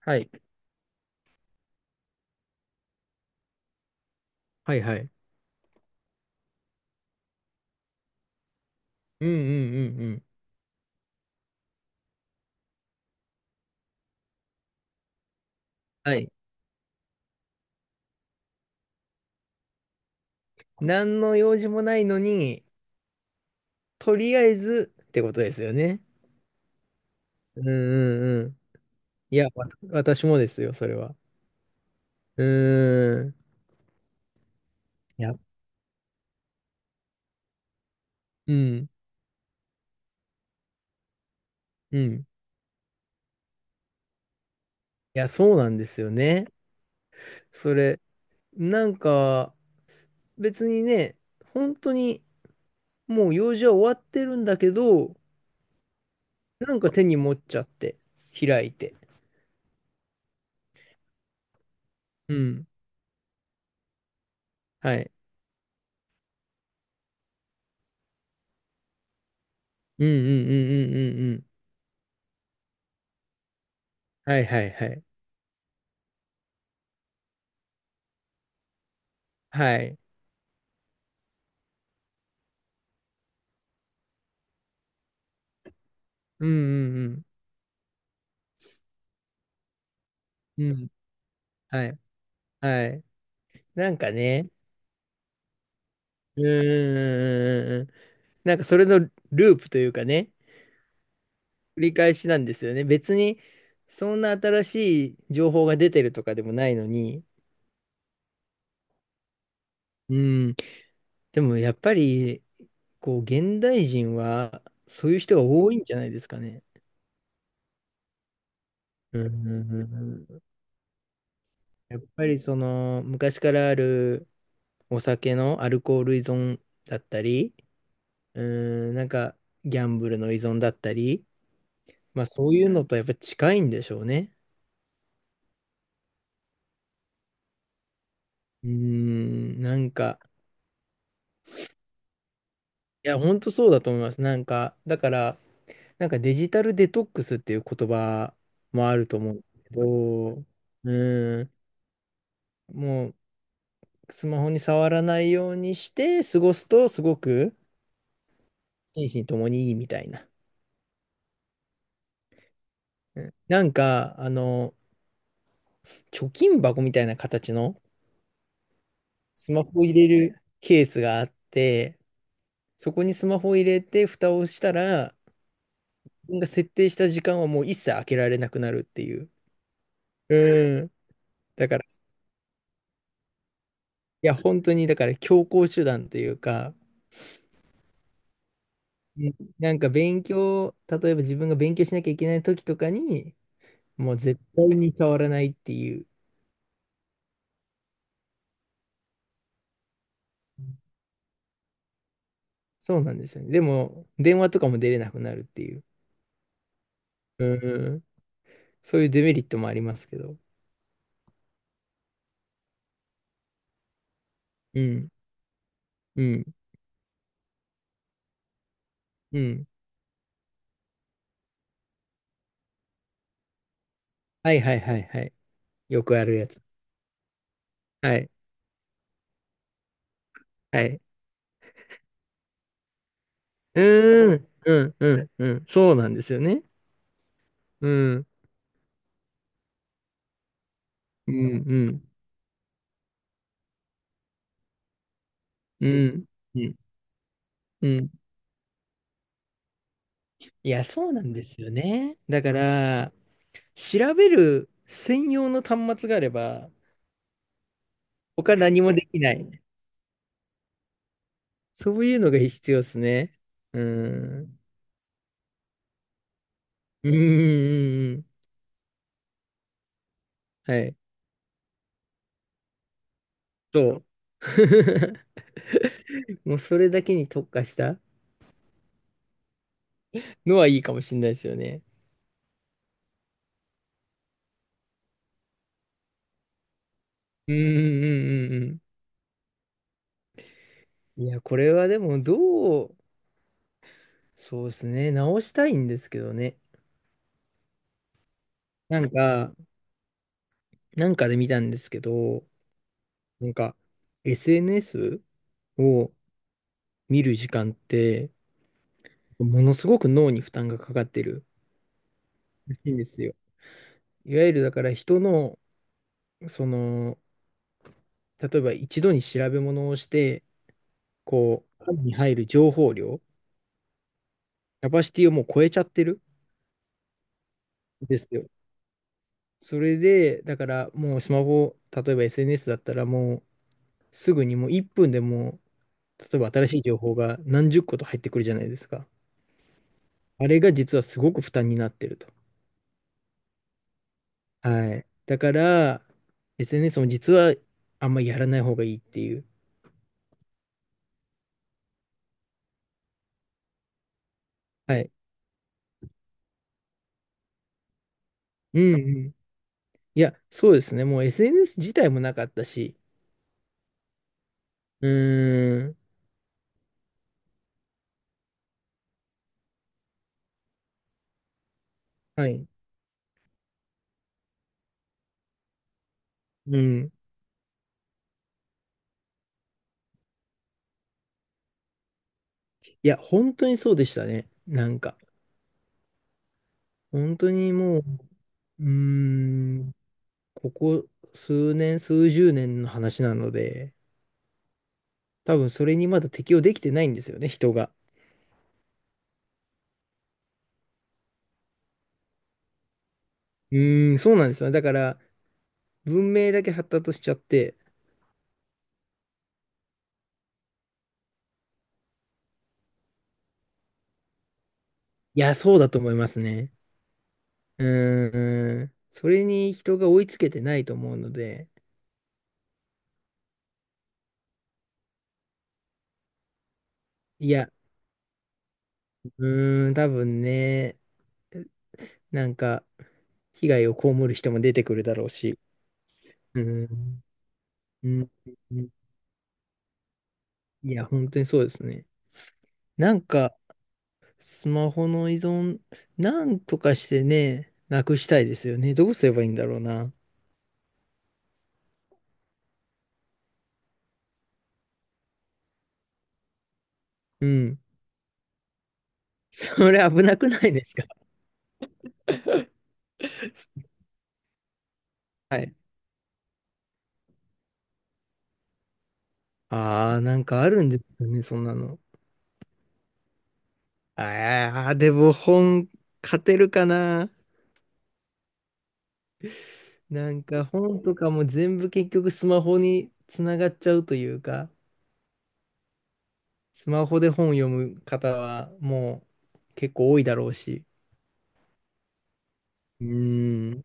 はい。はいはい。うんうんうんうん。はい。何の用事もないのに、とりあえずってことですよね。うんうんうん。いや、私もですよ、それは。うーん。いや、うん。うん。いや、そうなんですよね。それ、なんか、別にね、本当にもう用事は終わってるんだけど、なんか手に持っちゃって、開いて。うん。はい。うんうんうんうんうんうん。はいはいはい。はい。うんうんうん。うん。はい。はい。なんかね、うーん。なんかそれのループというかね、繰り返しなんですよね。別に、そんな新しい情報が出てるとかでもないのに。うん。でもやっぱり、こう、現代人は、そういう人が多いんじゃないですかね。うんうんうんうん。やっぱりその、昔からあるお酒のアルコール依存だったり、うーん、なんか、ギャンブルの依存だったり、まあそういうのとやっぱ近いんでしょうね。うーん、なんか、いや、ほんとそうだと思います。なんか、だから、なんかデジタルデトックスっていう言葉もあると思うんですけど、うーん、もうスマホに触らないようにして過ごすとすごく心身ともにいいみたいな。なんか、あの、貯金箱みたいな形のスマホを入れるケースがあって、そこにスマホを入れて、蓋をしたら、自分が設定した時間はもう一切開けられなくなるっていう。うん。だから、いや、本当に、だから強行手段というか、うん、なんか勉強、例えば自分が勉強しなきゃいけない時とかに、もう絶対に触らないっていう。そうなんですよね。でも、電話とかも出れなくなるっていう。うん。そういうデメリットもありますけど。うん。うん。うん。はいはいはいはい。よくあるやつ。はい。はい。うーん、うん、うん、うん。そうなんですよね。うん、うん、うん、うん、うん。うん、いや、そうなんですよね。だから、調べる専用の端末があれば、他何もできない。そういうのが必要ですね。うん。うん、うん、うんうん。はい。そう。もうそれだけに特化したのはいいかもしれないですよね。うん、うん、うん、うん。うん、いや、これはでも、どう、そうですね。直したいんですけどね。なんか、なんかで見たんですけど、なんか、SNS を見る時間って、ものすごく脳に負担がかかってるらしいんですよ。いわゆるだから人の、その、例えば一度に調べ物をして、こう、頭に入る情報量、キャパシティをもう超えちゃってるんですよ。それで、だからもうスマホ、例えば SNS だったらもうすぐにもう1分でも例えば新しい情報が何十個と入ってくるじゃないですか。あれが実はすごく負担になってると。はい。だから、SNS も実はあんまりやらない方がいいっていう。はい。うんうん。いや、そうですね。もう SNS 自体もなかったし。うーん。はい。うん。いや、本当にそうでしたね。なんか。本当にもう、うーん、ここ数年、数十年の話なので、多分それにまだ適応できてないんですよね、人が。うーん、そうなんですよ。だから、文明だけ発達しちゃって、いや、そうだと思いますね。うーん、それに人が追いつけてないと思うので、いや、うーん、多分ね、なんか、被害を被る人も出てくるだろうし、うーん、うん、うん、いや、本当にそうですね。なんか、スマホの依存、なんとかしてね、なくしたいですよね。どうすればいいんだろうな。うん、それ危なくないですか？ はい、ああ、なんかあるんですよね、そんなの。ああ、でも本、勝てるかな。なんか本とかも全部結局スマホにつながっちゃうというか、スマホで本読む方はもう結構多いだろうし。うーん、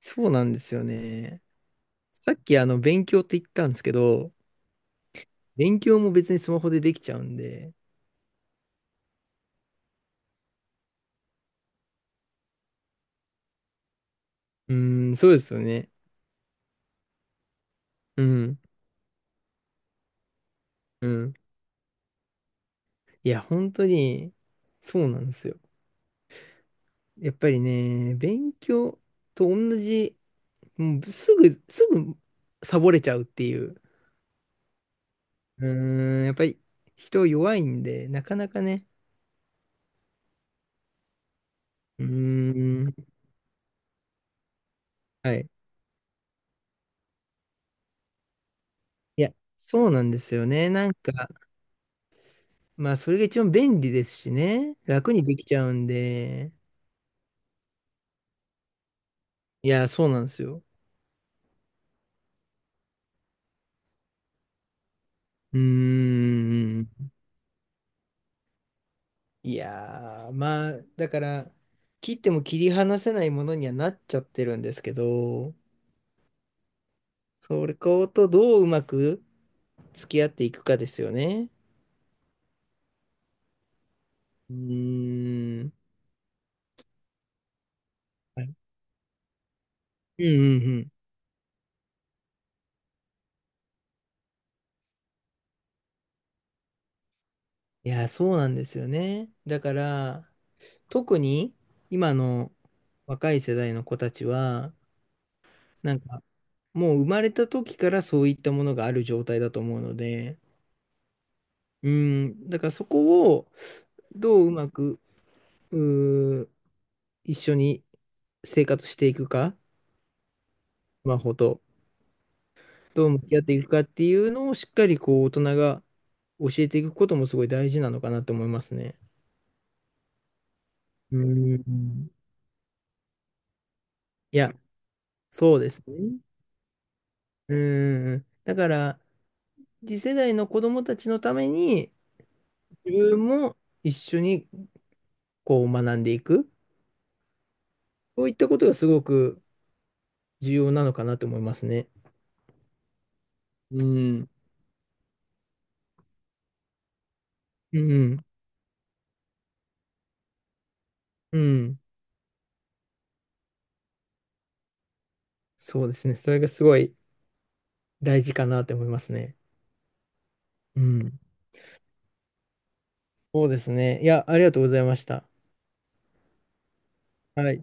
そうなんですよね。さっきあの勉強って言ったんですけど、勉強も別にスマホでできちゃうんで、うーん、そうですよね。うん、うん。いや、本当に、そうなんですよ。やっぱりね、勉強と同じ、もうすぐサボれちゃうっていう。うーん、やっぱり人弱いんで、なかなかね。うーん、はい。いや、そうなんですよね。なんか、まあ、それが一番便利ですしね。楽にできちゃうんで。いや、そうなんですよ。うーん。いやー、まあ、だから、切っても切り離せないものにはなっちゃってるんですけど、それことどううまく付き合っていくかですよね。うーん。はい、うんうんうん。いや、そうなんですよね。だから、特に今の若い世代の子たちは、なんかもう生まれた時からそういったものがある状態だと思うので、うん。だからそこをどううまく、うー一緒に生活していくか、スマホと。どう向き合っていくかっていうのをしっかりこう大人が教えていくこともすごい大事なのかなと思いますね。うん。いや、そうですね。うん。だから、次世代の子供たちのために、自分も一緒にこう学んでいく。そういったことがすごく重要なのかなと思いますね。うん。うん。うん。そうですね。それがすごい大事かなと思いますね。うん。そうですね。いや、ありがとうございました。はい。